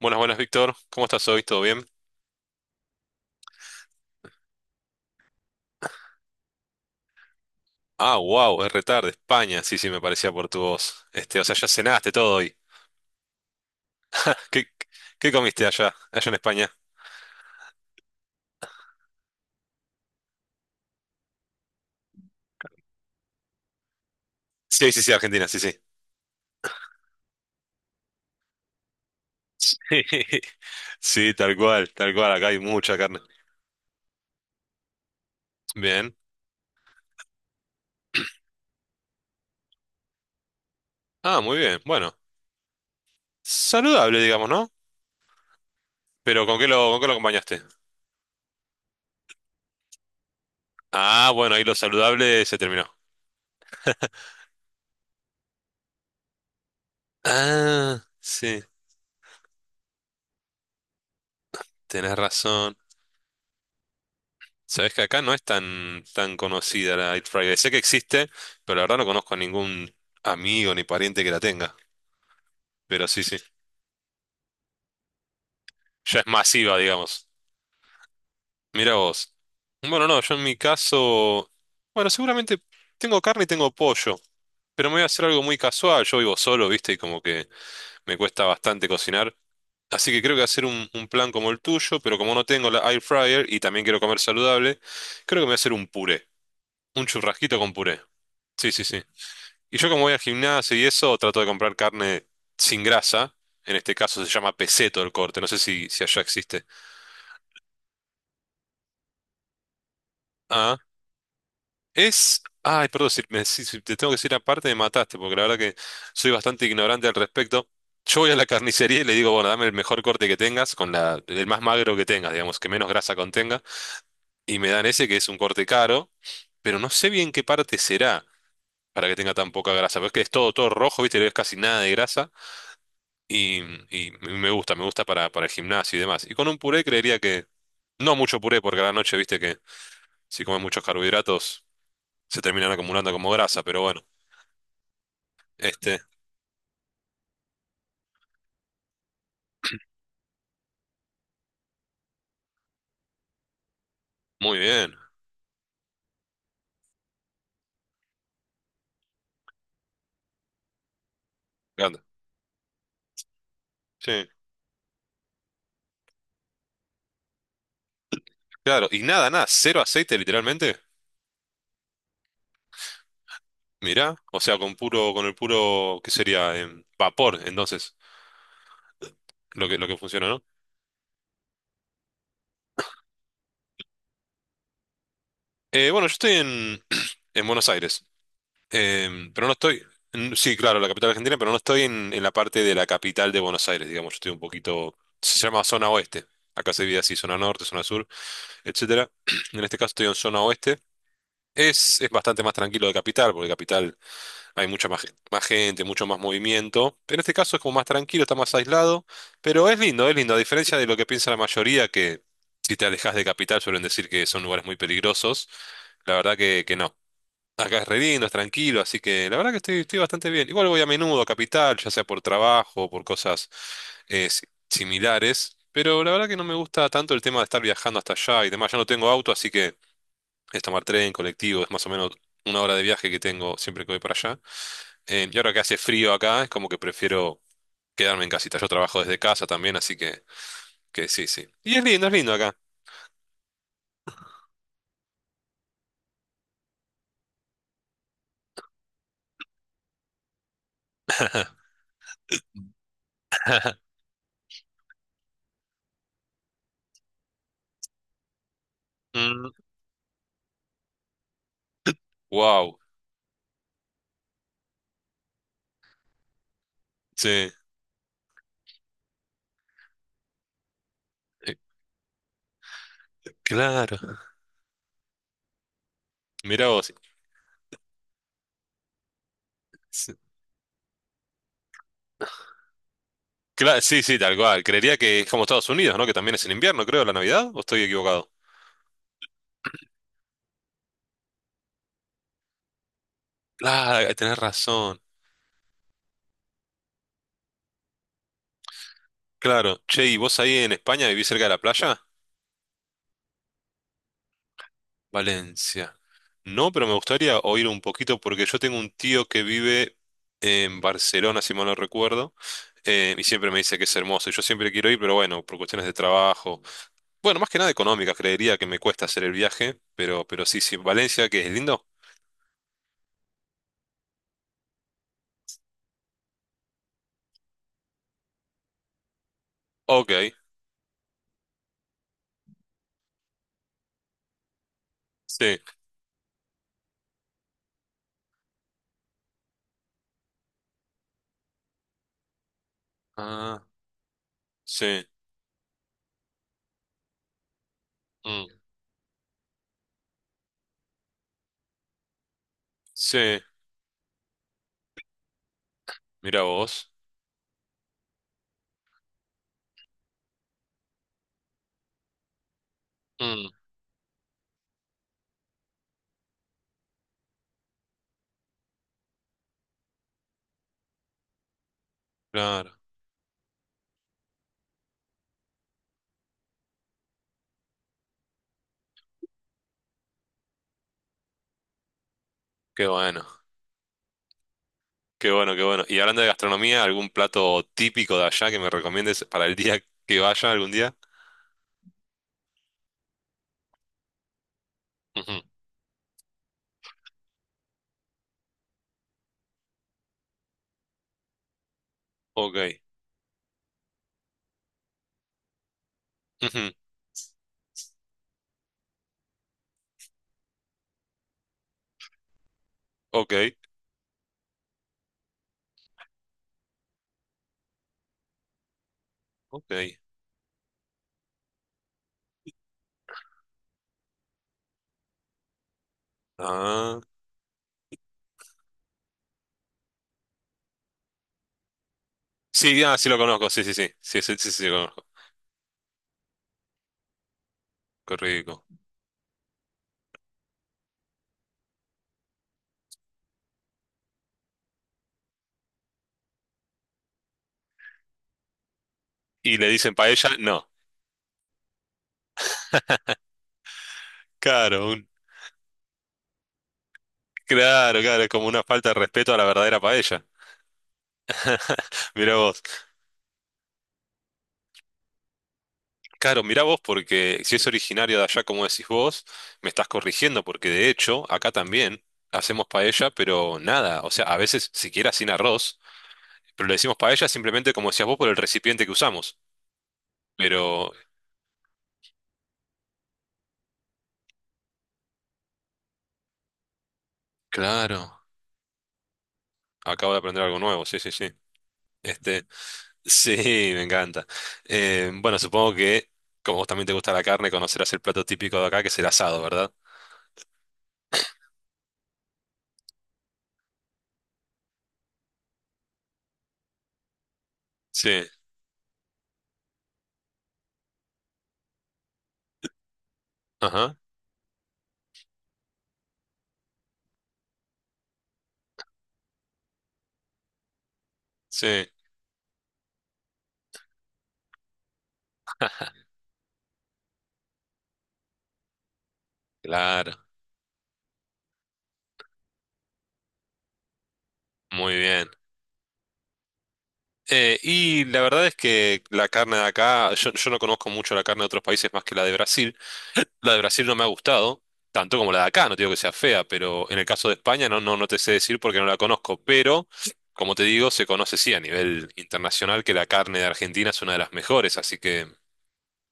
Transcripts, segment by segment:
Buenas, buenas, Víctor. ¿Cómo estás hoy? ¿Todo bien? Ah, wow, es retarde, España. Sí, sí, me parecía por tu voz. Este, o sea, ya cenaste todo hoy. ¿Qué, qué comiste allá en España? Sí, sí, sí, Argentina, sí, sí. Sí, sí, tal cual, tal cual. Acá hay mucha carne. Bien. Ah, muy bien. Bueno, saludable, digamos, ¿no? Pero ¿con qué lo acompañaste? Ah, bueno, ahí lo saludable se terminó. Ah, sí, tenés razón. Sabes que acá no es tan conocida la Eat Friday. Sé que existe, pero la verdad no conozco a ningún amigo ni pariente que la tenga. Pero sí, sí. Ya es masiva, digamos. Mira vos. Bueno, no, yo en mi caso. Bueno, seguramente tengo carne y tengo pollo. Pero me voy a hacer algo muy casual. Yo vivo solo, ¿viste? Y como que me cuesta bastante cocinar. Así que creo que hacer un plan como el tuyo, pero como no tengo la air fryer y también quiero comer saludable, creo que me voy a hacer un puré. Un churrasquito con puré. Sí, sí, sí. Y yo como voy al gimnasio y eso, trato de comprar carne sin grasa. En este caso se llama peseto el corte, no sé si allá existe. Ah, es... Ay, perdón, si, si te tengo que decir aparte me mataste, porque la verdad que soy bastante ignorante al respecto. Yo voy a la carnicería y le digo, bueno, dame el mejor corte que tengas, con la, el más magro que tengas, digamos, que menos grasa contenga. Y me dan ese que es un corte caro, pero no sé bien qué parte será para que tenga tan poca grasa. Porque es que es todo, todo rojo, ¿viste? No es casi nada de grasa. Y, y me gusta para el gimnasio y demás. Y con un puré creería que no mucho puré, porque a la noche, viste que si comes muchos carbohidratos se terminan acumulando como grasa, pero bueno, este, muy bien, grande. Sí, claro, y nada, nada, cero aceite literalmente. Mirá, o sea, con puro, con el puro, ¿qué sería? Vapor, entonces, lo que funciona, ¿no? Bueno, yo estoy en Buenos Aires. Pero no estoy, sí, claro, la capital argentina, pero no estoy en la parte de la capital de Buenos Aires, digamos, yo estoy un poquito, se llama zona oeste, acá se divide así, zona norte, zona sur, etcétera. En este caso estoy en zona oeste. Es bastante más tranquilo de capital, porque capital hay mucha más, más gente, mucho más movimiento. En este caso es como más tranquilo, está más aislado, pero es lindo, a diferencia de lo que piensa la mayoría, que si te alejas de capital suelen decir que son lugares muy peligrosos. La verdad que no. Acá es re lindo, es tranquilo, así que la verdad que estoy, estoy bastante bien. Igual voy a menudo a Capital, ya sea por trabajo o por cosas similares, pero la verdad que no me gusta tanto el tema de estar viajando hasta allá y demás. Ya no tengo auto, así que es tomar tren, colectivo, es más o menos una hora de viaje que tengo siempre que voy para allá. Y ahora que hace frío acá, es como que prefiero quedarme en casita. Yo trabajo desde casa también, así que sí, sí. Y es lindo acá. Mm, wow, sí, Eh, claro. Mirá vos. Sí. Claro, sí, sí, tal cual. Creería que es como Estados Unidos, ¿no? Que también es en invierno, creo, la Navidad, ¿o estoy equivocado? Claro, tenés razón. Claro. Che, ¿y vos ahí en España vivís cerca de la playa? Valencia. No, pero me gustaría oír un poquito porque yo tengo un tío que vive en Barcelona, si mal no recuerdo, y siempre me dice que es hermoso. Y yo siempre quiero ir, pero bueno, por cuestiones de trabajo. Bueno, más que nada económicas, creería que me cuesta hacer el viaje, pero sí, sí. Valencia, que es lindo. Ok, sí. Ah, sí. Mm, sí. Mira vos. Mm, claro. Qué bueno. Qué bueno, qué bueno. Y hablando de gastronomía, ¿algún plato típico de allá que me recomiendes para el día que vaya algún día? Ujú, Ok. Ujú, Ok. Ok. Ah. Sí, ah, sí lo conozco. Sí, sí, sí. Sí, sí, sí, sí lo conozco. Qué rico. ¿Y le dicen paella? No. Claro, un- claro, claro. Es como una falta de respeto a la verdadera paella. Mira vos. Claro, mirá vos, porque si es originario de allá, como decís vos, me estás corrigiendo, porque de hecho, acá también hacemos paella, pero nada, o sea, a veces siquiera sin arroz, pero le decimos paella simplemente, como decías vos, por el recipiente que usamos. Pero, claro, acabo de aprender algo nuevo, sí, sí, sí. Este, sí, me encanta. Bueno, supongo que, como vos también te gusta la carne, conocerás el plato típico de acá, que es el asado, ¿verdad? Sí, ajá, sí, claro, muy bien. Y la verdad es que la carne de acá, yo no conozco mucho la carne de otros países más que la de Brasil. La de Brasil no me ha gustado, tanto como la de acá, no te digo que sea fea, pero en el caso de España no, no, no te sé decir porque no la conozco. Pero, como te digo, se conoce sí a nivel internacional que la carne de Argentina es una de las mejores, así que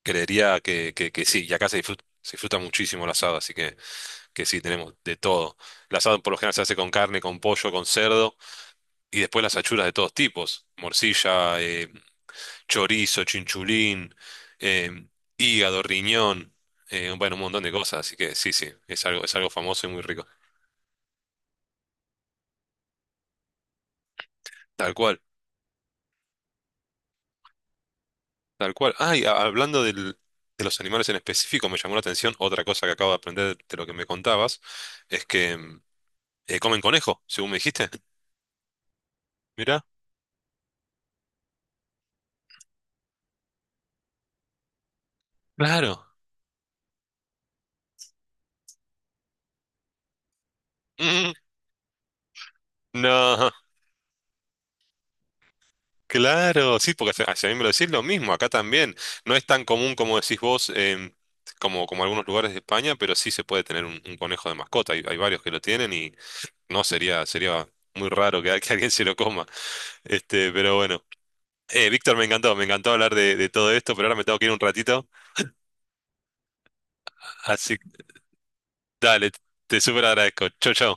creería que sí. Y acá se disfruta muchísimo el asado, así que sí, tenemos de todo. El asado por lo general se hace con carne, con pollo, con cerdo y después las achuras de todos tipos, morcilla. Chorizo, chinchulín, em, hígado, riñón, bueno, un montón de cosas, así que sí, sí, es algo famoso y muy rico. Tal cual, tal cual. Hablando de los animales en específico, me llamó la atención otra cosa que acabo de aprender de lo que me contabas, es que comen conejo, según me dijiste. Mirá, claro. Mm, no, Claro, sí, porque a mí me lo decís lo mismo, acá también. No es tan común como decís vos, como, como algunos lugares de España, pero sí se puede tener un conejo de mascota. Hay varios que lo tienen y no sería, sería muy raro que, que alguien se lo coma. Este, pero bueno. Víctor, me encantó hablar de todo esto, pero ahora me tengo que ir un ratito. Así que dale, te súper agradezco. Chau, chau.